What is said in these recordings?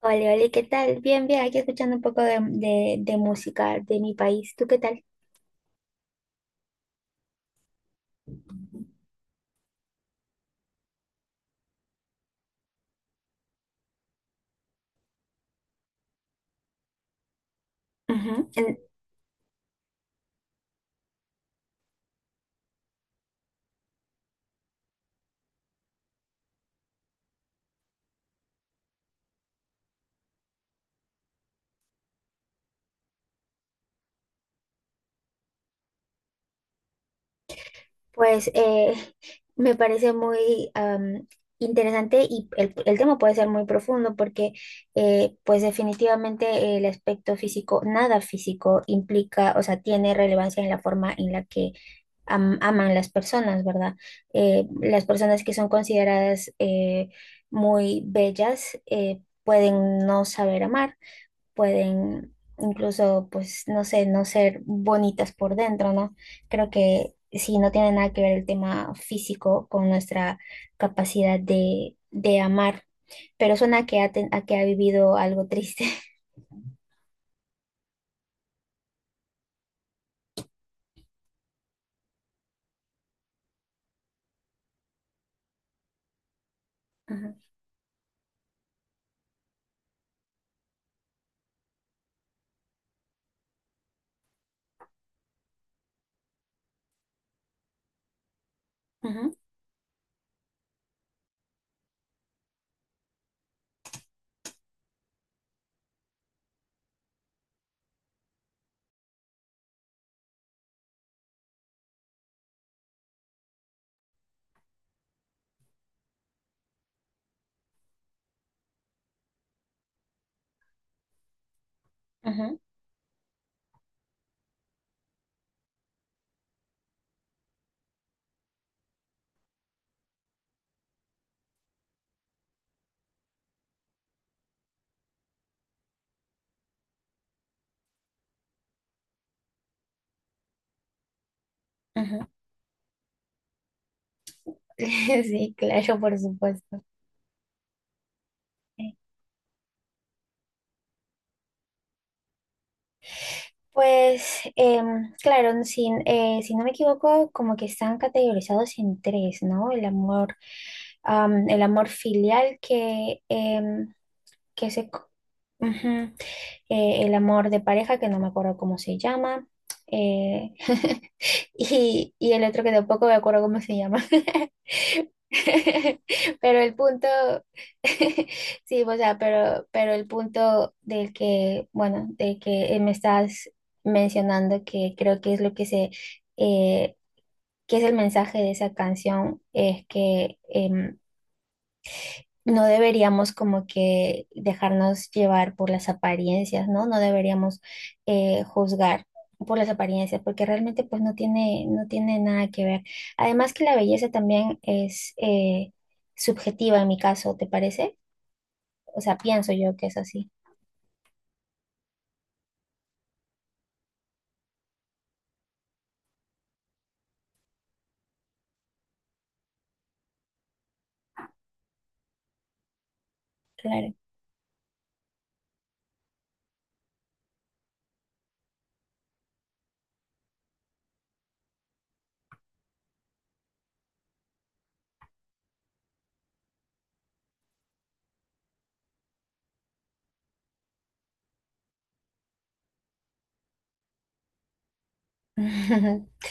Hola, hola, ¿qué tal? Bien, bien, aquí escuchando un poco de música de mi país. ¿Tú qué tal? Ujú. Pues me parece muy interesante y el tema puede ser muy profundo porque pues definitivamente el aspecto físico, nada físico implica, o sea, tiene relevancia en la forma en la que aman las personas, ¿verdad? Las personas que son consideradas muy bellas pueden no saber amar, pueden incluso, pues, no sé, no ser bonitas por dentro, ¿no? Creo que sí, no tiene nada que ver el tema físico con nuestra capacidad de amar, pero suena a que a que ha vivido algo triste. Ajá, ajá, ajá, ajá. Sí, claro, por supuesto. Pues, claro, si no me equivoco, como que están categorizados en tres, ¿no? El amor, el amor filial que, que se, co- ujú, el amor de pareja, que no me acuerdo cómo se llama, eh, y el otro que tampoco me acuerdo cómo se llama. Pero el punto, sí, o sea, pero el punto del que, bueno, de que me estás mencionando, que creo que es lo que eh, que es el mensaje de esa canción, es que no deberíamos como que dejarnos llevar por las apariencias, ¿no? No deberíamos juzgar por las apariencias, porque realmente pues no tiene, no tiene nada que ver. Además que la belleza también es subjetiva en mi caso, ¿te parece? O sea, pienso yo que es así, claro.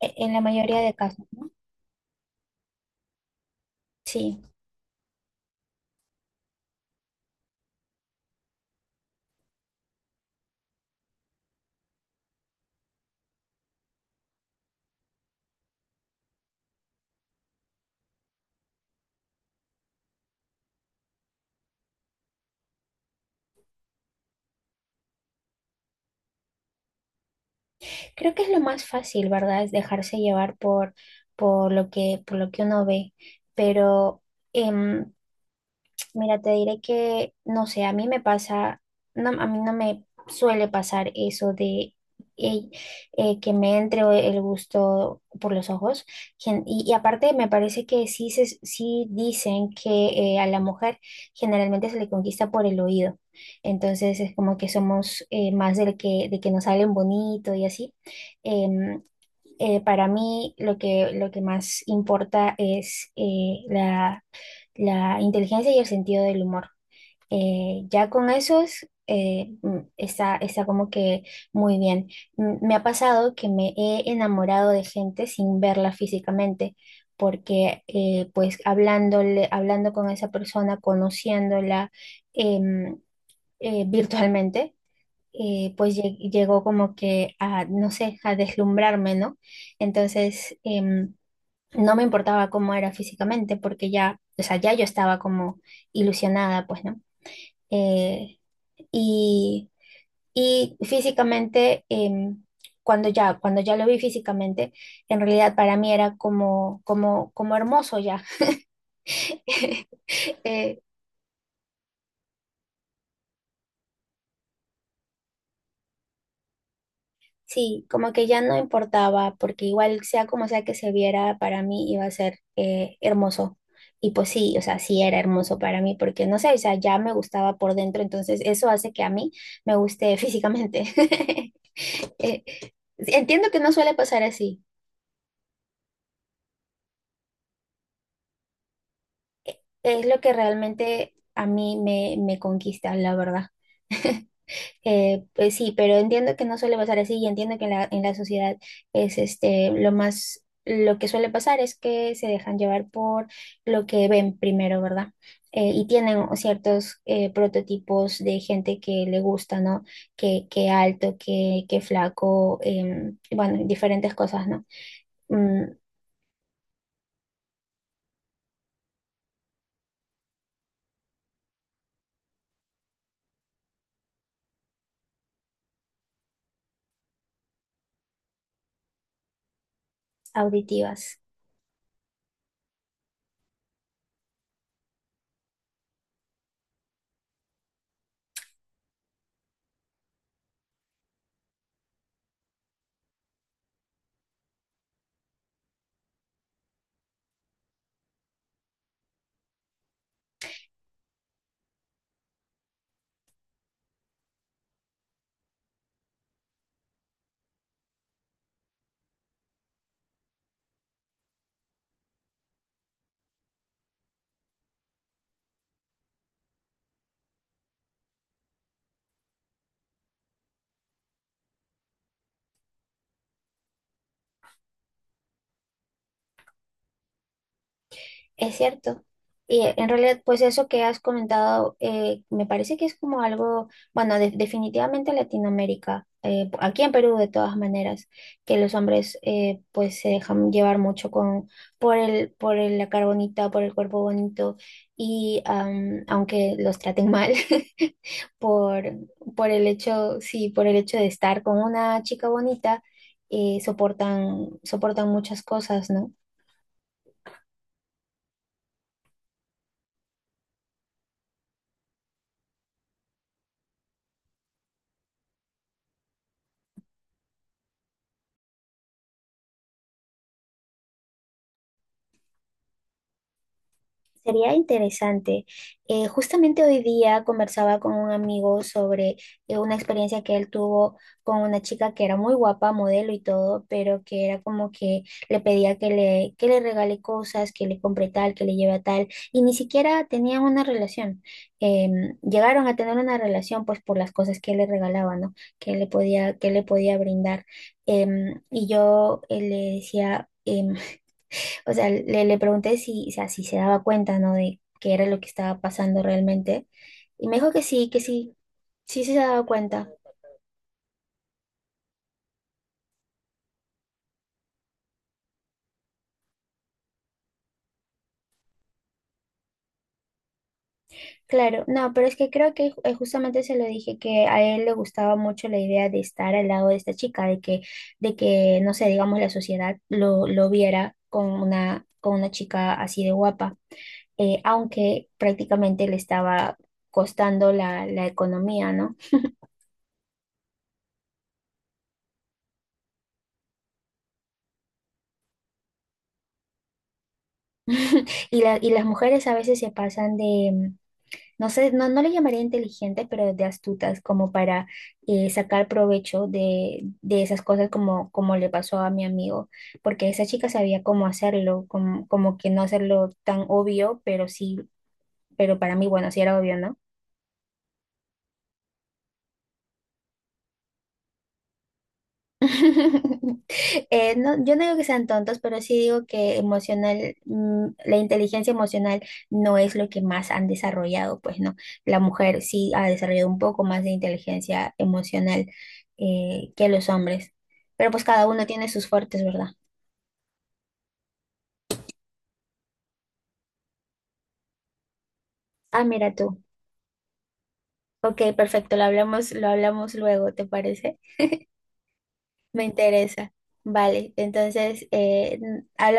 En la mayoría de casos, ¿no? Sí, creo que es lo más fácil, ¿verdad? Es dejarse llevar por lo que uno ve, pero... em, mira, te diré que, no sé, a mí me pasa, no, a mí no me suele pasar eso de eh, que me entre el gusto por los ojos. Y aparte me parece que sí, sí dicen que a la mujer generalmente se le conquista por el oído. Entonces es como que somos más del que, de que nos salen bonito y así. Em, para mí lo que más importa es la la inteligencia y el sentido del humor. Ya con esos está, está como que muy bien. Me ha pasado que me he enamorado de gente sin verla físicamente, porque pues hablándole, hablando con esa persona, conociéndola em, virtualmente. Pues llegó como que a, no sé, a deslumbrarme, ¿no? Entonces, no me importaba cómo era físicamente, porque ya, o sea, ya yo estaba como ilusionada, pues, ¿no? Eh, y, y físicamente, cuando ya lo vi físicamente, en realidad para mí era como, como, como hermoso ya. Eh, Sí, como que ya no importaba, porque igual sea como sea que se viera, para mí iba a ser hermoso. Y pues sí, o sea, sí era hermoso para mí, porque no sé, o sea, ya me gustaba por dentro, entonces eso hace que a mí me guste físicamente. Eh, Entiendo que no suele pasar así, es lo que realmente a mí me, me conquista, la verdad. Pues sí, pero entiendo que no suele pasar así y entiendo que en en la sociedad es este lo más, lo que suele pasar es que se dejan llevar por lo que ven primero, ¿verdad? Y tienen ciertos prototipos de gente que le gusta, ¿no? Que alto, que flaco, bueno, diferentes cosas, ¿no? Mm, Auditivas. Es cierto. Y en realidad, pues eso que has comentado, me parece que es como algo, bueno, definitivamente Latinoamérica, aquí en Perú de todas maneras, que los hombres pues se dejan llevar mucho con, por el, la cara bonita, por el cuerpo bonito, y aunque los traten mal, por, por el hecho, sí, por el hecho de estar con una chica bonita, soportan, soportan muchas cosas, ¿no? Sería interesante. Justamente hoy día conversaba con un amigo sobre una experiencia que él tuvo con una chica que era muy guapa, modelo y todo, pero que era como que le pedía que le regale cosas, que le compre tal, que le lleve a tal, y ni siquiera tenían una relación. Llegaron a tener una relación pues por las cosas que él le regalaba, ¿no? Que él le podía, que él le podía brindar. Y yo le decía... o sea, le pregunté si, o sea, si se daba cuenta, ¿no? De qué era lo que estaba pasando realmente. Y me dijo que sí, sí se daba cuenta. Claro, no, pero es que creo que justamente se lo dije que a él le gustaba mucho la idea de estar al lado de esta chica, de que, no sé, digamos, la sociedad lo viera con una chica así de guapa, aunque prácticamente le estaba costando la, la economía, ¿no? Y, y las mujeres a veces se pasan de, no sé, no, no le llamaría inteligentes, pero de astutas, como para sacar provecho de esas cosas como, como le pasó a mi amigo, porque esa chica sabía cómo hacerlo, como, como que no hacerlo tan obvio, pero sí, pero para mí, bueno, sí era obvio, ¿no? No, yo no digo que sean tontos, pero sí digo que emocional, la inteligencia emocional no es lo que más han desarrollado, pues no. La mujer sí ha desarrollado un poco más de inteligencia emocional que los hombres, pero pues cada uno tiene sus fuertes, ¿verdad? Ah, mira tú. Ok, perfecto, lo hablamos luego, ¿te parece? Me interesa. Vale, entonces hablamos.